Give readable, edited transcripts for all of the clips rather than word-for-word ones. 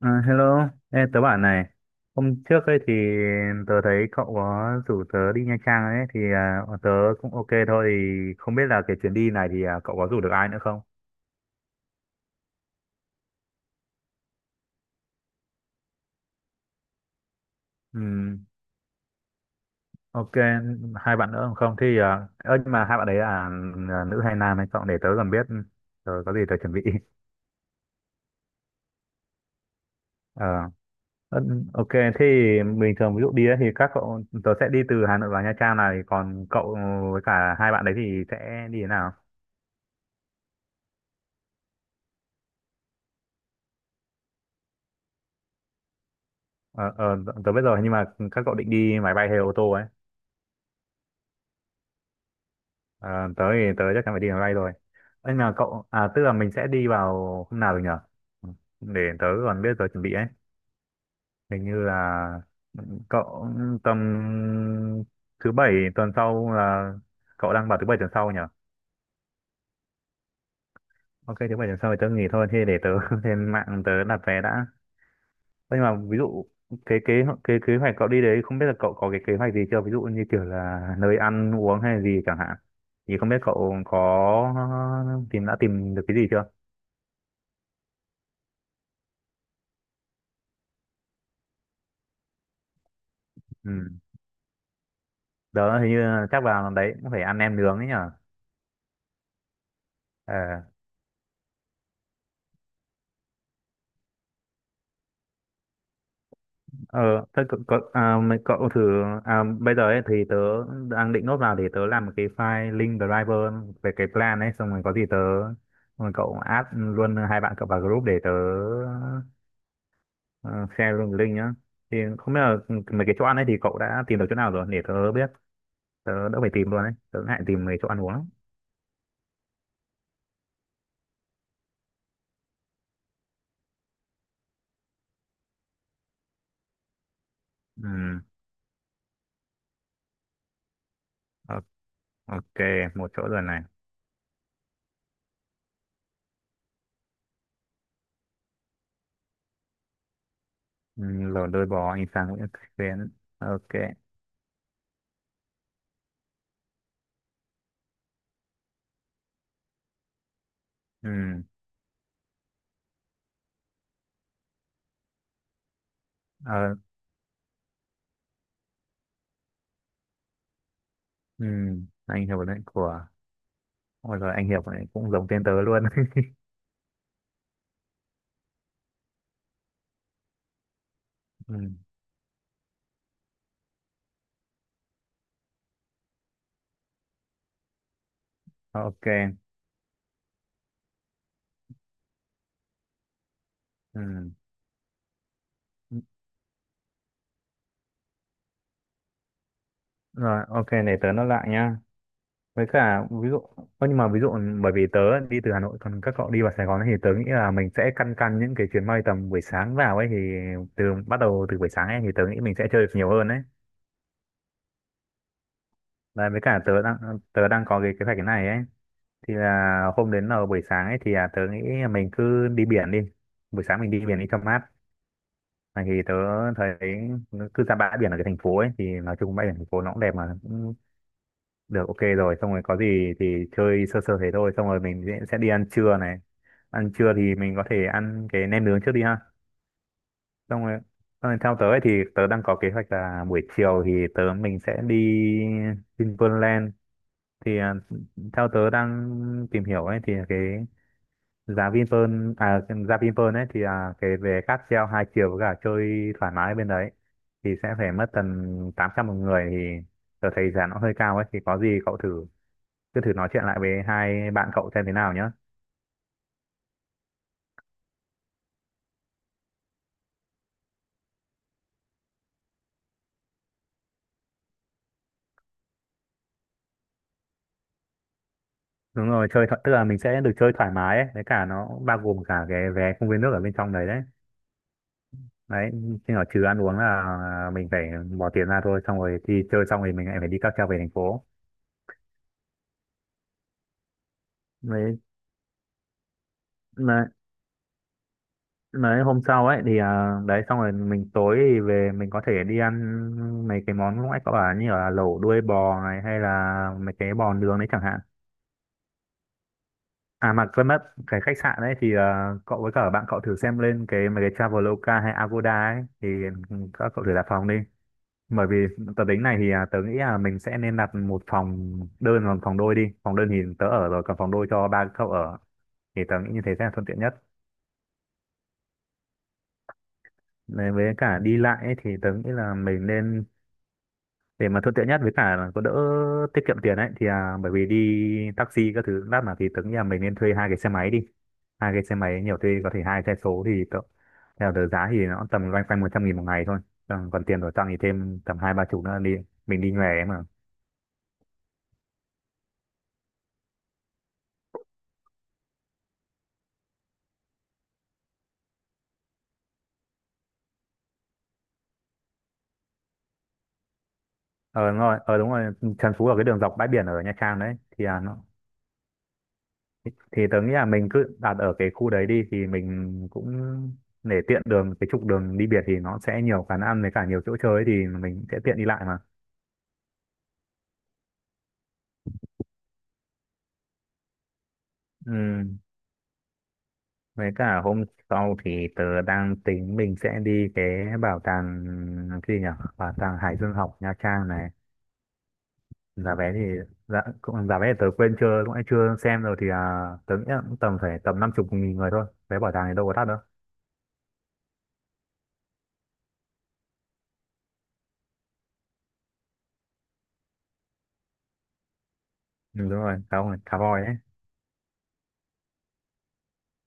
Hello, ê, tớ bảo này, hôm trước ấy thì tớ thấy cậu có rủ tớ đi Nha Trang ấy, thì tớ cũng ok thôi, thì không biết là cái chuyến đi này thì cậu có rủ được ai nữa không? Ừm, ok, hai bạn nữa không? Thì, nhưng mà hai bạn đấy là nữ hay nam hay cậu để tớ còn biết, tớ có gì tớ chuẩn bị. Ờ, ơ, ok, thì bình thường ví dụ đi ấy, thì các cậu, tớ sẽ đi từ Hà Nội vào Nha Trang này, còn cậu với cả hai bạn đấy thì sẽ đi thế nào? Ờ, ờ, tớ biết rồi nhưng mà các cậu định đi máy bay hay ô tô ấy. Ờ, tớ thì tớ chắc chắn phải đi máy bay rồi. Ấy là cậu tức là mình sẽ đi vào hôm nào được nhở. Ừ, để tớ còn biết giờ chuẩn bị ấy, hình như là ừ, cậu tầm thứ bảy tuần sau là cậu đang bảo thứ bảy tuần sau nhở. Ok thứ bảy tuần sau thì tớ nghỉ thôi, thế để tớ lên mạng tớ đặt vé đã. Nhưng mà ví dụ cái kế kế kế hoạch cậu đi đấy, không biết là cậu có cái kế hoạch gì chưa, ví dụ như kiểu là nơi ăn uống hay gì chẳng hạn, thì không biết cậu có tìm được cái gì chưa. Ừ. Đó hình như là chắc vào đấy cũng phải ăn nem nướng ấy nhở. Ờ, ờ thôi cậu, mấy cậu thử, bây giờ ấy thì tớ đang định nốt vào để tớ làm một cái file link driver về cái plan ấy, xong rồi có gì tớ, xong rồi cậu add luôn hai bạn cậu vào group để tớ. Ờ, share luôn link nhá. Thì không biết là ừ, mấy cái chỗ ăn ấy thì cậu đã tìm được chỗ nào rồi để tớ biết, tớ đỡ phải tìm luôn đấy, tớ ngại tìm mấy chỗ ăn uống lắm. Ừ, o- ok một chỗ rồi này. Ừ, lẩu đôi bò anh Sang Nguyễn Xuyến, ok. Ừ, ờ, ừ, anh Hiệp đấy của, ôi rồi anh Hiệp này cũng giống tên tớ luôn. Ừ, ok. Ừ. Rồi ok, để tớ nó lại nhá. Với cả ví dụ, ơ, nhưng mà ví dụ ừ, bởi vì tớ đi từ Hà Nội còn các cậu đi vào Sài Gòn ấy, thì tớ nghĩ là mình sẽ căn căn những cái chuyến bay tầm buổi sáng vào ấy, thì từ bắt đầu từ buổi sáng ấy thì tớ nghĩ mình sẽ chơi được nhiều hơn ấy. Đấy, với cả tớ đang có cái kế hoạch cái này ấy, thì là hôm đến là buổi sáng ấy thì là tớ nghĩ là mình cứ đi biển đi, buổi sáng mình đi biển đi cho mát. Này thì tớ thấy cứ ra bãi biển ở cái thành phố ấy thì nói chung bãi biển thành phố nó cũng đẹp mà. Được, ok rồi, xong rồi có gì thì chơi sơ sơ thế thôi, xong rồi mình sẽ đi ăn trưa này. Ăn trưa thì mình có thể ăn cái nem nướng trước đi ha. Xong rồi, xong rồi theo tớ ấy thì tớ đang có kế hoạch là buổi chiều thì mình sẽ đi Vinpearl Land. Thì à, theo tớ đang tìm hiểu ấy thì cái giá Vinpearl à cái giá Vinpearl ấy thì cái về cáp treo hai chiều với cả chơi thoải mái bên đấy thì sẽ phải mất tầm 800 một người, thì tớ thấy giá nó hơi cao ấy, thì có gì cậu thử, cứ thử nói chuyện lại với hai bạn cậu xem thế nào nhá. Đúng rồi, chơi tức là mình sẽ được chơi thoải mái ấy, với cả nó cũng bao gồm cả cái vé công viên nước ở bên trong đấy đấy đấy. Nhưng ở trừ ăn uống là mình phải bỏ tiền ra thôi, xong rồi đi chơi xong rồi mình lại phải đi cáp treo về thành phố. Đấy mà mà hôm sau ấy thì đấy xong rồi mình tối thì về mình có thể đi ăn mấy cái món lúc nãy cậu bảo như là lẩu đuôi bò này hay là mấy cái bò nướng đấy chẳng hạn. À mà quên mất, cái khách sạn ấy thì cậu với cả bạn cậu thử xem lên cái mấy cái Traveloka hay Agoda ấy, thì các cậu thử đặt phòng đi. Bởi vì tớ tính này thì tớ nghĩ là mình sẽ nên đặt một phòng đơn và một phòng đôi đi. Phòng đơn thì tớ ở rồi, còn phòng đôi cho ba cậu ở, thì tớ nghĩ như thế sẽ là thuận tiện nhất. Nên với cả đi lại ấy, thì tớ nghĩ là mình nên, để mà thuận tiện nhất với cả là có đỡ tiết kiệm tiền ấy, thì bởi vì đi taxi các thứ lát mà, thì tưởng là mình nên thuê hai cái xe máy đi, hai cái xe máy nhiều thuê có thể hai xe số, thì theo tờ giá thì nó tầm loanh quanh 100.000 một ngày thôi, còn tiền của Trang thì thêm tầm hai ba chục nữa đi, mình đi nhòe ấy mà. Ờ đúng rồi, ờ đúng rồi, Trần Phú ở cái đường dọc bãi biển ở Nha Trang đấy thì nó, thì tớ nghĩ là mình cứ đặt ở cái khu đấy đi thì mình cũng, để tiện đường cái trục đường đi biển thì nó sẽ nhiều quán ăn với cả nhiều chỗ chơi ấy, thì mình sẽ tiện đi lại mà. Ừ, với cả hôm sau thì tớ đang tính mình sẽ đi cái bảo tàng, cái gì nhỉ? Bảo tàng Hải Dương học Nha Trang này. Giá vé thì giá vé thì tớ quên chưa cũng chưa xem rồi, thì tớ nghĩ là cũng tầm phải tầm 50.000 người thôi. Vé bảo tàng thì đâu có đắt đâu. Ừ, đúng rồi, khá voi ấy.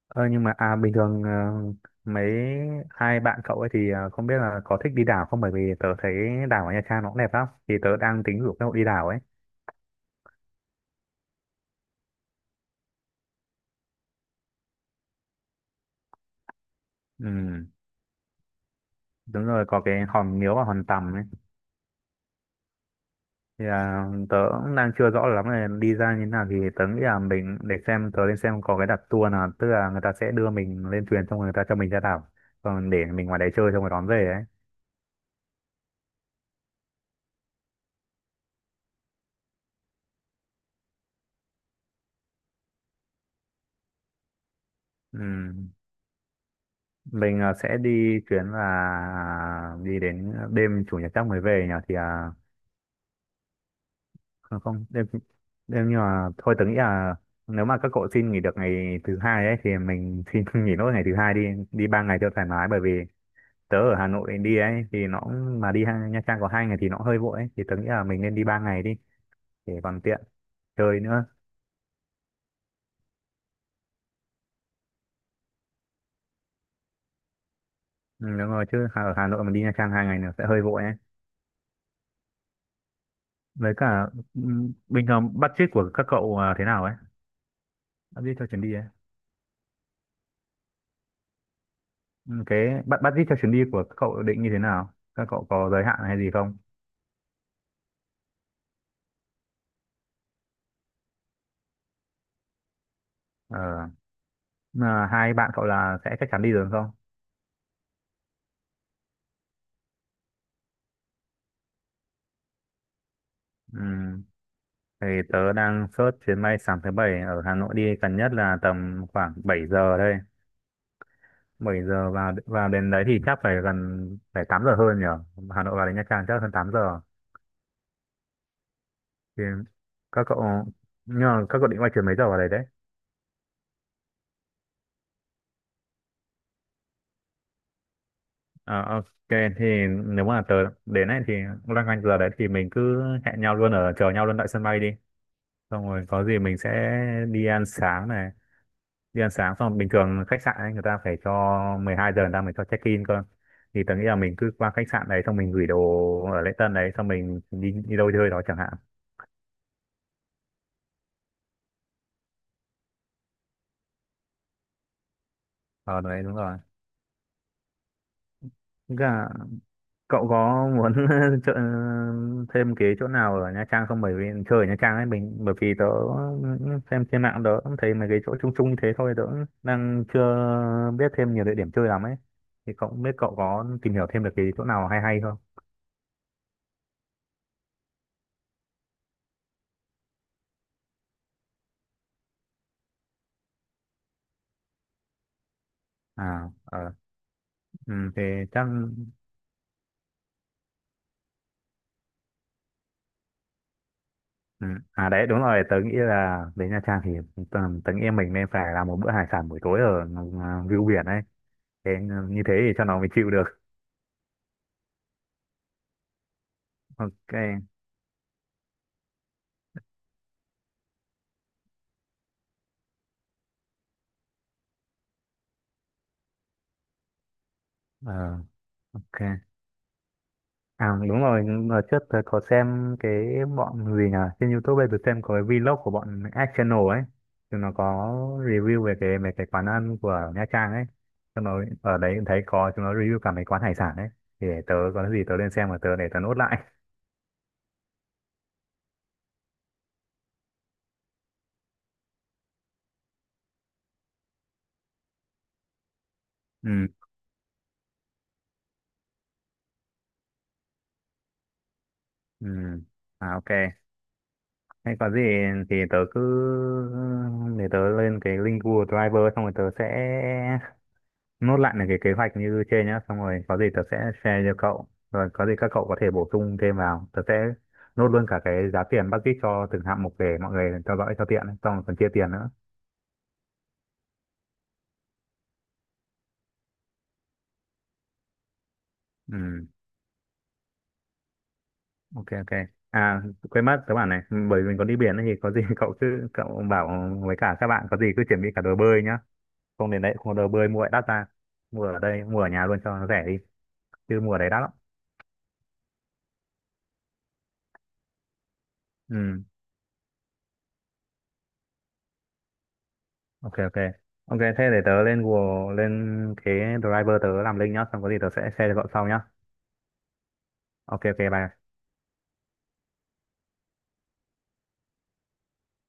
Ơ nhưng mà bình thường mấy hai bạn cậu ấy thì không biết là có thích đi đảo không, bởi vì tớ thấy đảo ở Nha Trang nó cũng đẹp lắm. Thì tớ đang tính rủ các cậu đi đảo ấy. Ừ đúng rồi, có cái hòn Miếu và hòn Tầm ấy. Thì tớ cũng đang chưa rõ lắm là đi ra như thế nào, thì tớ nghĩ là mình để xem, tớ lên xem có cái đặt tour nào, tức là người ta sẽ đưa mình lên thuyền xong rồi người ta cho mình ra đảo, còn để mình ngoài đấy chơi xong rồi đón về ấy. Ừm, mình sẽ đi chuyến là đi đến đêm chủ nhật chắc mới về nhỉ, thì à, không, không đêm đêm, nhưng mà thôi tớ nghĩ là nếu mà các cậu xin nghỉ được ngày thứ hai ấy thì mình xin nghỉ nốt ngày thứ hai đi, đi 3 ngày cho thoải mái, bởi vì tớ ở Hà Nội đi ấy thì nó cũng- mà đi Nha Trang có 2 ngày thì nó hơi vội ấy, thì tớ nghĩ là mình nên đi 3 ngày đi, để còn tiện chơi nữa. Ừ, đúng rồi chứ ở Hà Nội mà đi Nha Trang 2 ngày nữa sẽ hơi vội ấy. Với cả bình thường budget của các cậu, thế nào ấy, budget cho chuyến đi ấy. Cái budget cho chuyến đi của các cậu định như thế nào, các cậu có giới hạn hay gì không? Ờ, mà hai bạn cậu là sẽ chắc chắn đi được không? Ừm, thì tớ đang search chuyến bay sáng thứ bảy ở Hà Nội đi gần nhất là tầm khoảng 7 giờ đây, 7 giờ vào vào đến đấy thì chắc phải gần, phải 8 giờ hơn nhỉ. Hà Nội vào đến Nha Trang chắc hơn 8 giờ. Thì các cậu, nhưng mà các cậu định quay chuyến mấy giờ vào đấy đấy? Ờ, ok, thì nếu mà tớ đến ấy thì loanh quanh giờ đấy thì mình cứ hẹn nhau luôn, ở chờ nhau luôn tại sân bay đi, xong rồi có gì mình sẽ đi ăn sáng này. Đi ăn sáng xong, bình thường khách sạn ấy, người ta phải cho 12 giờ người ta mới cho check in cơ, thì tớ nghĩ là mình cứ qua khách sạn đấy xong mình gửi đồ ở lễ tân đấy xong mình đi đi đâu chơi đó chẳng hạn. Ờ đấy đúng rồi. Cả cậu có muốn chợ, thêm cái chỗ nào ở Nha Trang không? Bởi vì chơi ở Nha Trang ấy mình, bởi vì tớ xem trên mạng tớ cũng thấy mấy cái chỗ chung chung như thế thôi, tớ cũng đang chưa biết thêm nhiều địa điểm chơi lắm ấy. Thì cậu không biết cậu có tìm hiểu thêm được cái chỗ nào hay hay không? À ờ, ừ, thì chắc, ừ. À đấy đúng rồi, tớ nghĩ là đến Nha Trang thì tớ nghĩ mình nên phải làm một bữa hải sản buổi tối ở view biển ấy. Thế như thế thì cho nó mới chịu được. Ok. Ờ. Ok. À đúng rồi, hồi trước tớ có xem cái bọn gì nhỉ? Trên YouTube ấy, tớ xem có cái vlog của bọn Ad Channel ấy. Thì nó có review về cái quán ăn của Nha Trang ấy. Xong rồi ở đấy cũng thấy có chúng nó review cả mấy quán hải sản ấy. Thì để tớ có gì tớ lên xem và tớ để tớ nốt lại. Ừ, ừ. À ok. Hay có gì thì tớ cứ để tớ lên cái link Google Driver, xong rồi tớ sẽ nốt lại những cái kế hoạch như trên nhá, xong rồi có gì tớ sẽ share cho cậu, rồi có gì các cậu có thể bổ sung thêm vào, tớ sẽ nốt luôn cả cái giá tiền bác Dít cho từng hạng mục để mọi người theo dõi cho tiện ấy, xong rồi còn chia tiền nữa. Ừ, ok, ok. À quên mất, tớ bảo này, bởi vì mình có đi biển ấy thì có gì cậu cứ cậu bảo với cả các bạn có gì cứ chuẩn bị cả đồ bơi nhá, không đến đấy không có đồ bơi mua lại đắt ra, mua ở đây mua ở nhà luôn cho nó rẻ đi, chứ mua ở đấy đắt lắm. Ừ, ok, ok. Ok thế để tớ lên Google lên cái driver tớ làm link nhá, xong có gì tớ sẽ share cho cậu sau nhá. Ok ok bye.